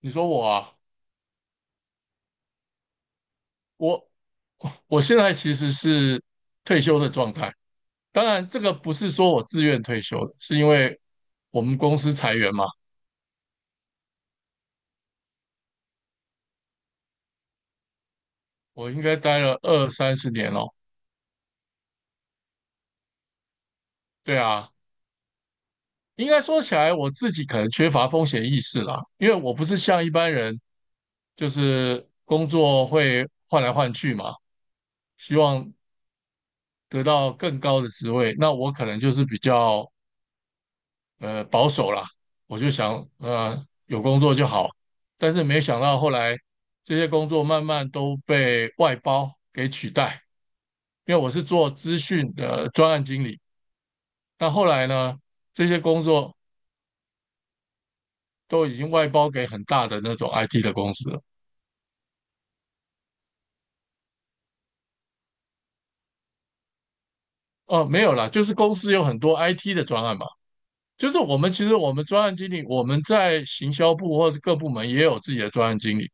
你说我啊，我我现在其实是退休的状态。当然，这个不是说我自愿退休的，是因为我们公司裁员嘛。我应该待了二三十年哦。对啊，应该说起来，我自己可能缺乏风险意识啦，因为我不是像一般人，就是工作会换来换去嘛，希望得到更高的职位。那我可能就是比较保守啦，我就想有工作就好，但是没想到后来这些工作慢慢都被外包给取代，因为我是做资讯的专案经理，那后来呢这些工作都已经外包给很大的那种 IT 的公司了。哦，没有啦，就是公司有很多 IT 的专案嘛，就是我们其实我们专案经理，我们在行销部或者各部门也有自己的专案经理，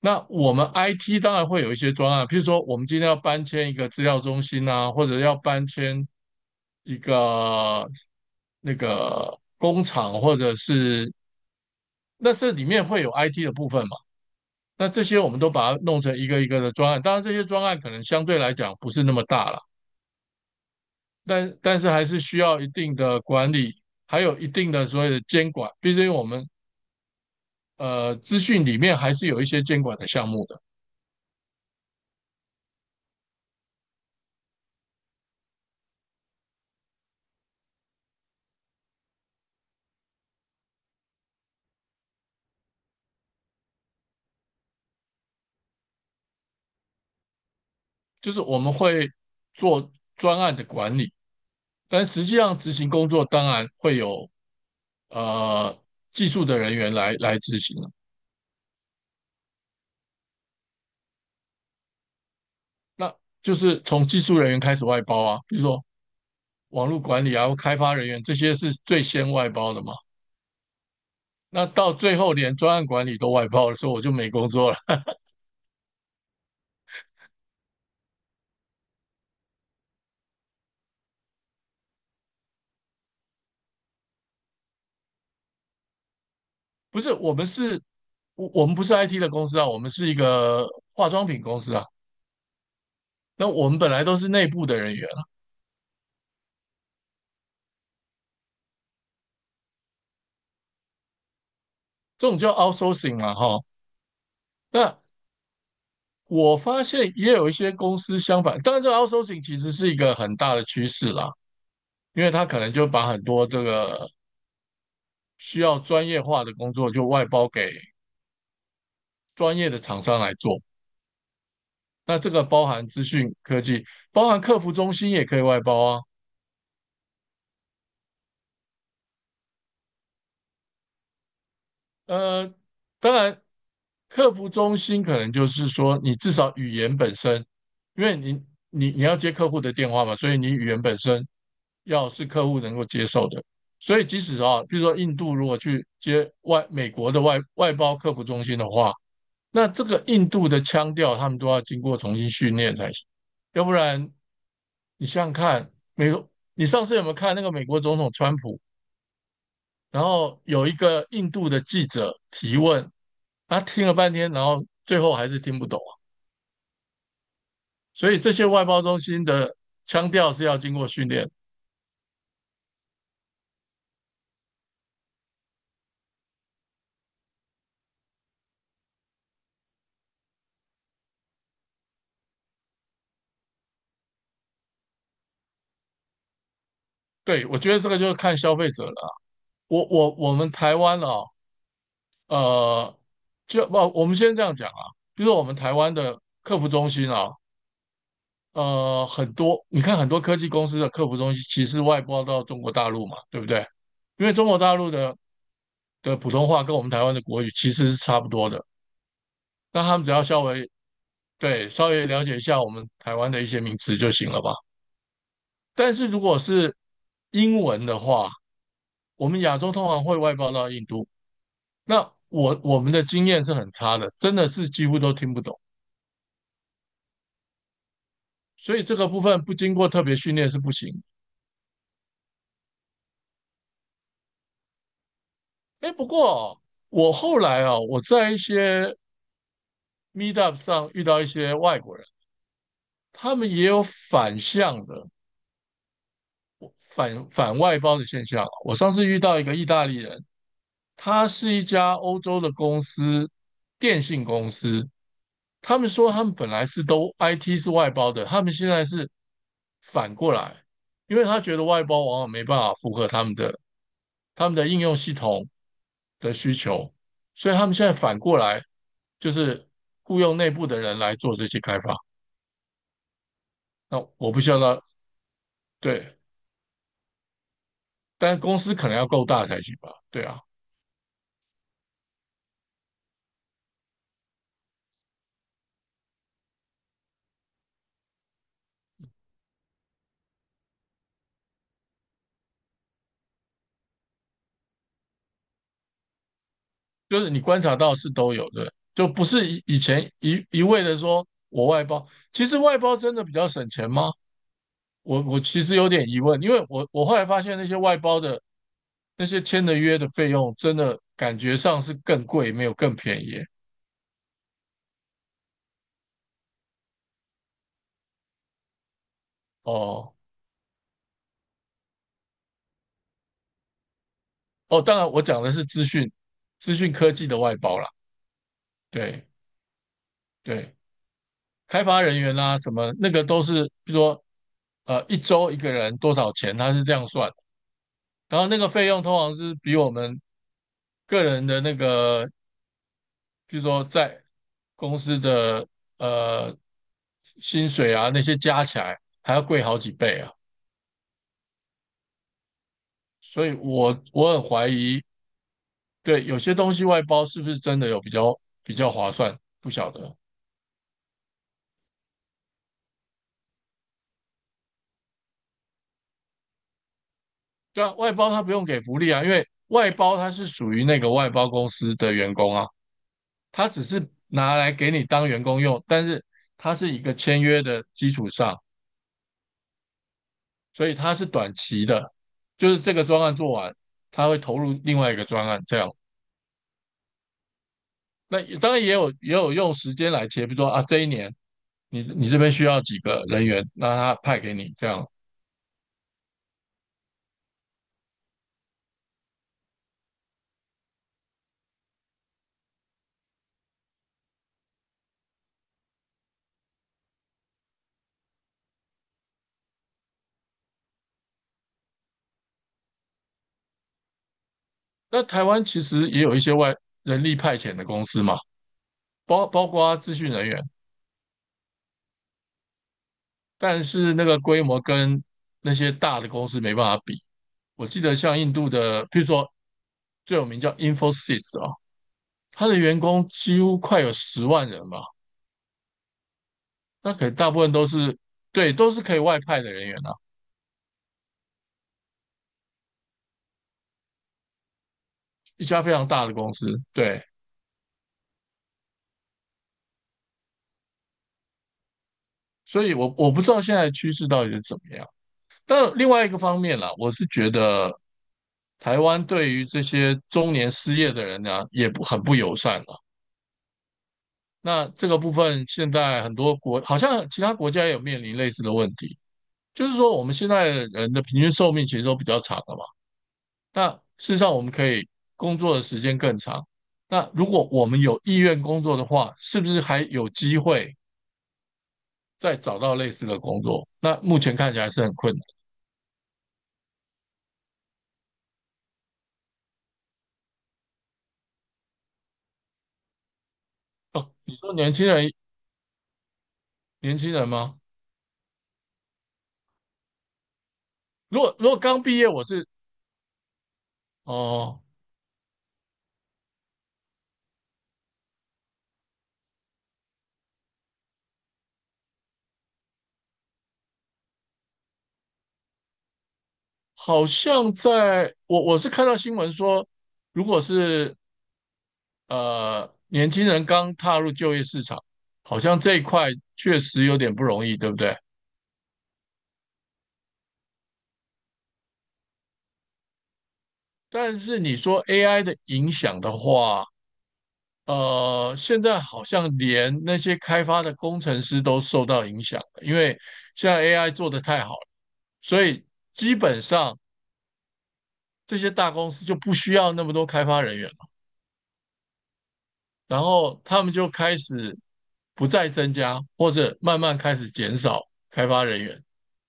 那我们 IT 当然会有一些专案，譬如说我们今天要搬迁一个资料中心啊，或者要搬迁一个那个工厂，或者是那这里面会有 IT 的部分嘛？那这些我们都把它弄成一个一个的专案，当然这些专案可能相对来讲不是那么大了，但是还是需要一定的管理，还有一定的所谓的监管，毕竟我们资讯里面还是有一些监管的项目的，就是我们会做专案的管理。但实际上执行工作当然会有呃技术的人员来执行了，那就是从技术人员开始外包啊，比如说网络管理啊、开发人员这些是最先外包的嘛。那到最后连专案管理都外包的时候，我就没工作了。不是，我们是，我们不是 IT 的公司啊，我们是一个化妆品公司啊。那我们本来都是内部的人员啊，这种叫 outsourcing 嘛，哈。那我发现也有一些公司相反，当然这个 outsourcing 其实是一个很大的趋势啦，因为它可能就把很多这个需要专业化的工作就外包给专业的厂商来做。那这个包含资讯科技，包含客服中心也可以外包啊。呃，当然，客服中心可能就是说，你至少语言本身，因为你要接客户的电话嘛，所以你语言本身要是客户能够接受的。所以即使啊，比如说印度如果去接美国的外包客服中心的话，那这个印度的腔调他们都要经过重新训练才行，要不然你想想看，美国，你上次有没有看那个美国总统川普？然后有一个印度的记者提问，他听了半天，然后最后还是听不懂啊。所以这些外包中心的腔调是要经过训练。对，我觉得这个就是看消费者了啊我们台湾哦，呃，就不，我们先这样讲啊，就是我们台湾的客服中心啊，你看很多科技公司的客服中心其实外包到中国大陆嘛，对不对？因为中国大陆的普通话跟我们台湾的国语其实是差不多的，那他们只要稍微对，稍微了解一下我们台湾的一些名词就行了吧。但是如果是英文的话，我们亚洲通常会外包到印度，那我们的经验是很差的，真的是几乎都听不懂，所以这个部分不经过特别训练是不行。哎，不过我后来啊，我在一些 Meetup 上遇到一些外国人，他们也有反向的反外包的现象啊我上次遇到一个意大利人，它是一家欧洲的公司，电信公司。他们说他们本来是都 IT 是外包的，他们现在是反过来，因为他觉得外包往往没办法符合他们的应用系统的需求，所以他们现在反过来就是雇佣内部的人来做这些开发。那我不需要他对，但公司可能要够大才行吧？对啊。就是你观察到是都有的，就不是以前一味的说我外包，其实外包真的比较省钱吗？我其实有点疑问，因为我后来发现那些外包的那些签的约的费用，真的感觉上是更贵，没有更便宜。哦哦，当然我讲的是资讯科技的外包啦，对对，开发人员啦、什么那个都是，比如说一周一个人多少钱，他是这样算。然后那个费用通常是比我们个人的那个，比如说在公司的呃薪水啊那些加起来还要贵好几倍啊，所以我很怀疑，对，有些东西外包是不是真的有比较划算，不晓得。对啊，外包他不用给福利啊，因为外包他是属于那个外包公司的员工啊，他只是拿来给你当员工用，但是他是一个签约的基础上。所以它是短期的，就是这个专案做完，他会投入另外一个专案这样。那当然也有用时间来切，比如说啊这一年你这边需要几个人员，那他派给你这样。那台湾其实也有一些人力派遣的公司嘛，包括资讯人员，但是那个规模跟那些大的公司没办法比。我记得像印度的，譬如说最有名叫 Infosys 啊，他的员工几乎快有10万人吧，那可能大部分都是对，都是可以外派的人员啊，一家非常大的公司，对，所以我不知道现在的趋势到底是怎么样。但另外一个方面啦，我是觉得台湾对于这些中年失业的人呢，也不很不友善了。那这个部分，现在很多好像其他国家也有面临类似的问题，就是说我们现在人的平均寿命其实都比较长了嘛。那事实上，我们可以工作的时间更长。那如果我们有意愿工作的话，是不是还有机会再找到类似的工作？那目前看起来是很困难哦。你说年轻人，年轻人吗？如果刚毕业，我是哦、好像在我是看到新闻说，如果是年轻人刚踏入就业市场，好像这一块确实有点不容易，对不对？但是你说 AI 的影响的话，现在好像连那些开发的工程师都受到影响了，因为现在 AI 做得太好了，所以基本上这些大公司就不需要那么多开发人员了，然后他们就开始不再增加，或者慢慢开始减少开发人员，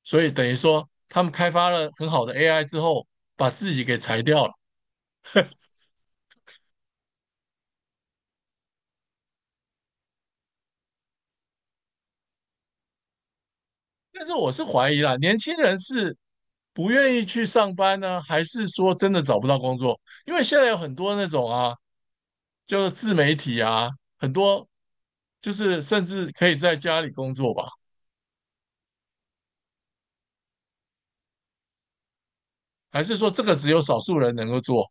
所以等于说他们开发了很好的 AI 之后，把自己给裁掉了，但是我是怀疑啦，年轻人是不愿意去上班呢，还是说真的找不到工作？因为现在有很多那种啊，就是自媒体啊，很多就是甚至可以在家里工作吧？还是说这个只有少数人能够做？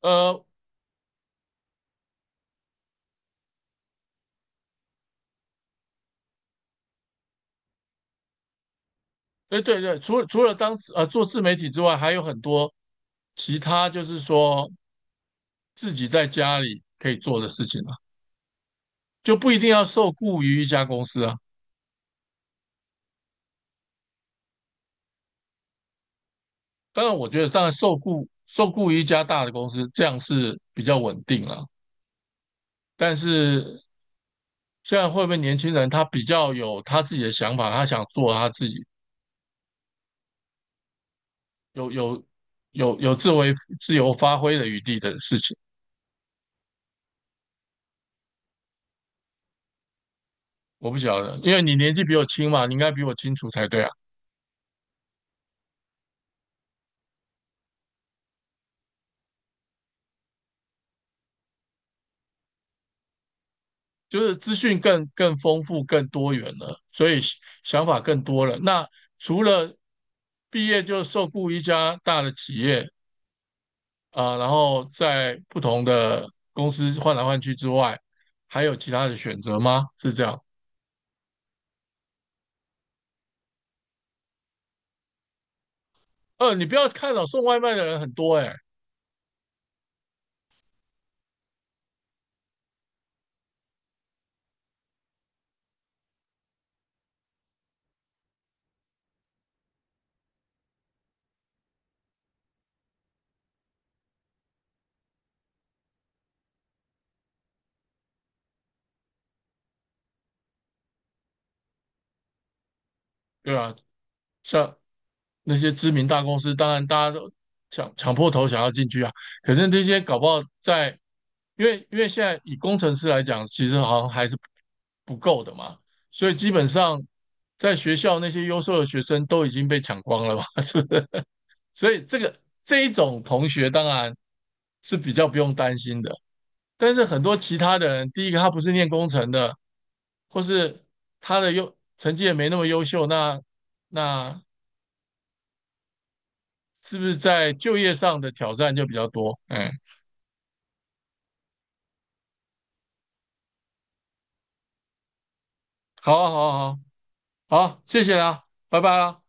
呃，对对对，除了当做自媒体之外，还有很多其他就是说自己在家里可以做的事情啊，就不一定要受雇于一家公司啊。当然，我觉得当然受雇于一家大的公司，这样是比较稳定了。但是现在会不会年轻人他比较有他自己的想法，他想做他自己有有有自由发挥的余地的事情，我不晓得，因为你年纪比我轻嘛，你应该比我清楚才对啊。就是资讯更丰富、更多元了，所以想法更多了。那除了毕业就受雇一家大的企业，啊、然后在不同的公司换来换去之外，还有其他的选择吗？是这样？你不要看哦，送外卖的人很多哎、对啊，像那些知名大公司，当然大家都抢破头想要进去啊，可是这些搞不好在，因为现在以工程师来讲，其实好像还是不够的嘛，所以基本上在学校那些优秀的学生都已经被抢光了嘛，是不是？所以这一种同学当然是比较不用担心的。但是很多其他的人，第一个他不是念工程的，或是他的成绩也没那么优秀，那那是不是在就业上的挑战就比较多？哎，好啊，好啊，好啊好，谢谢啦，拜拜啦。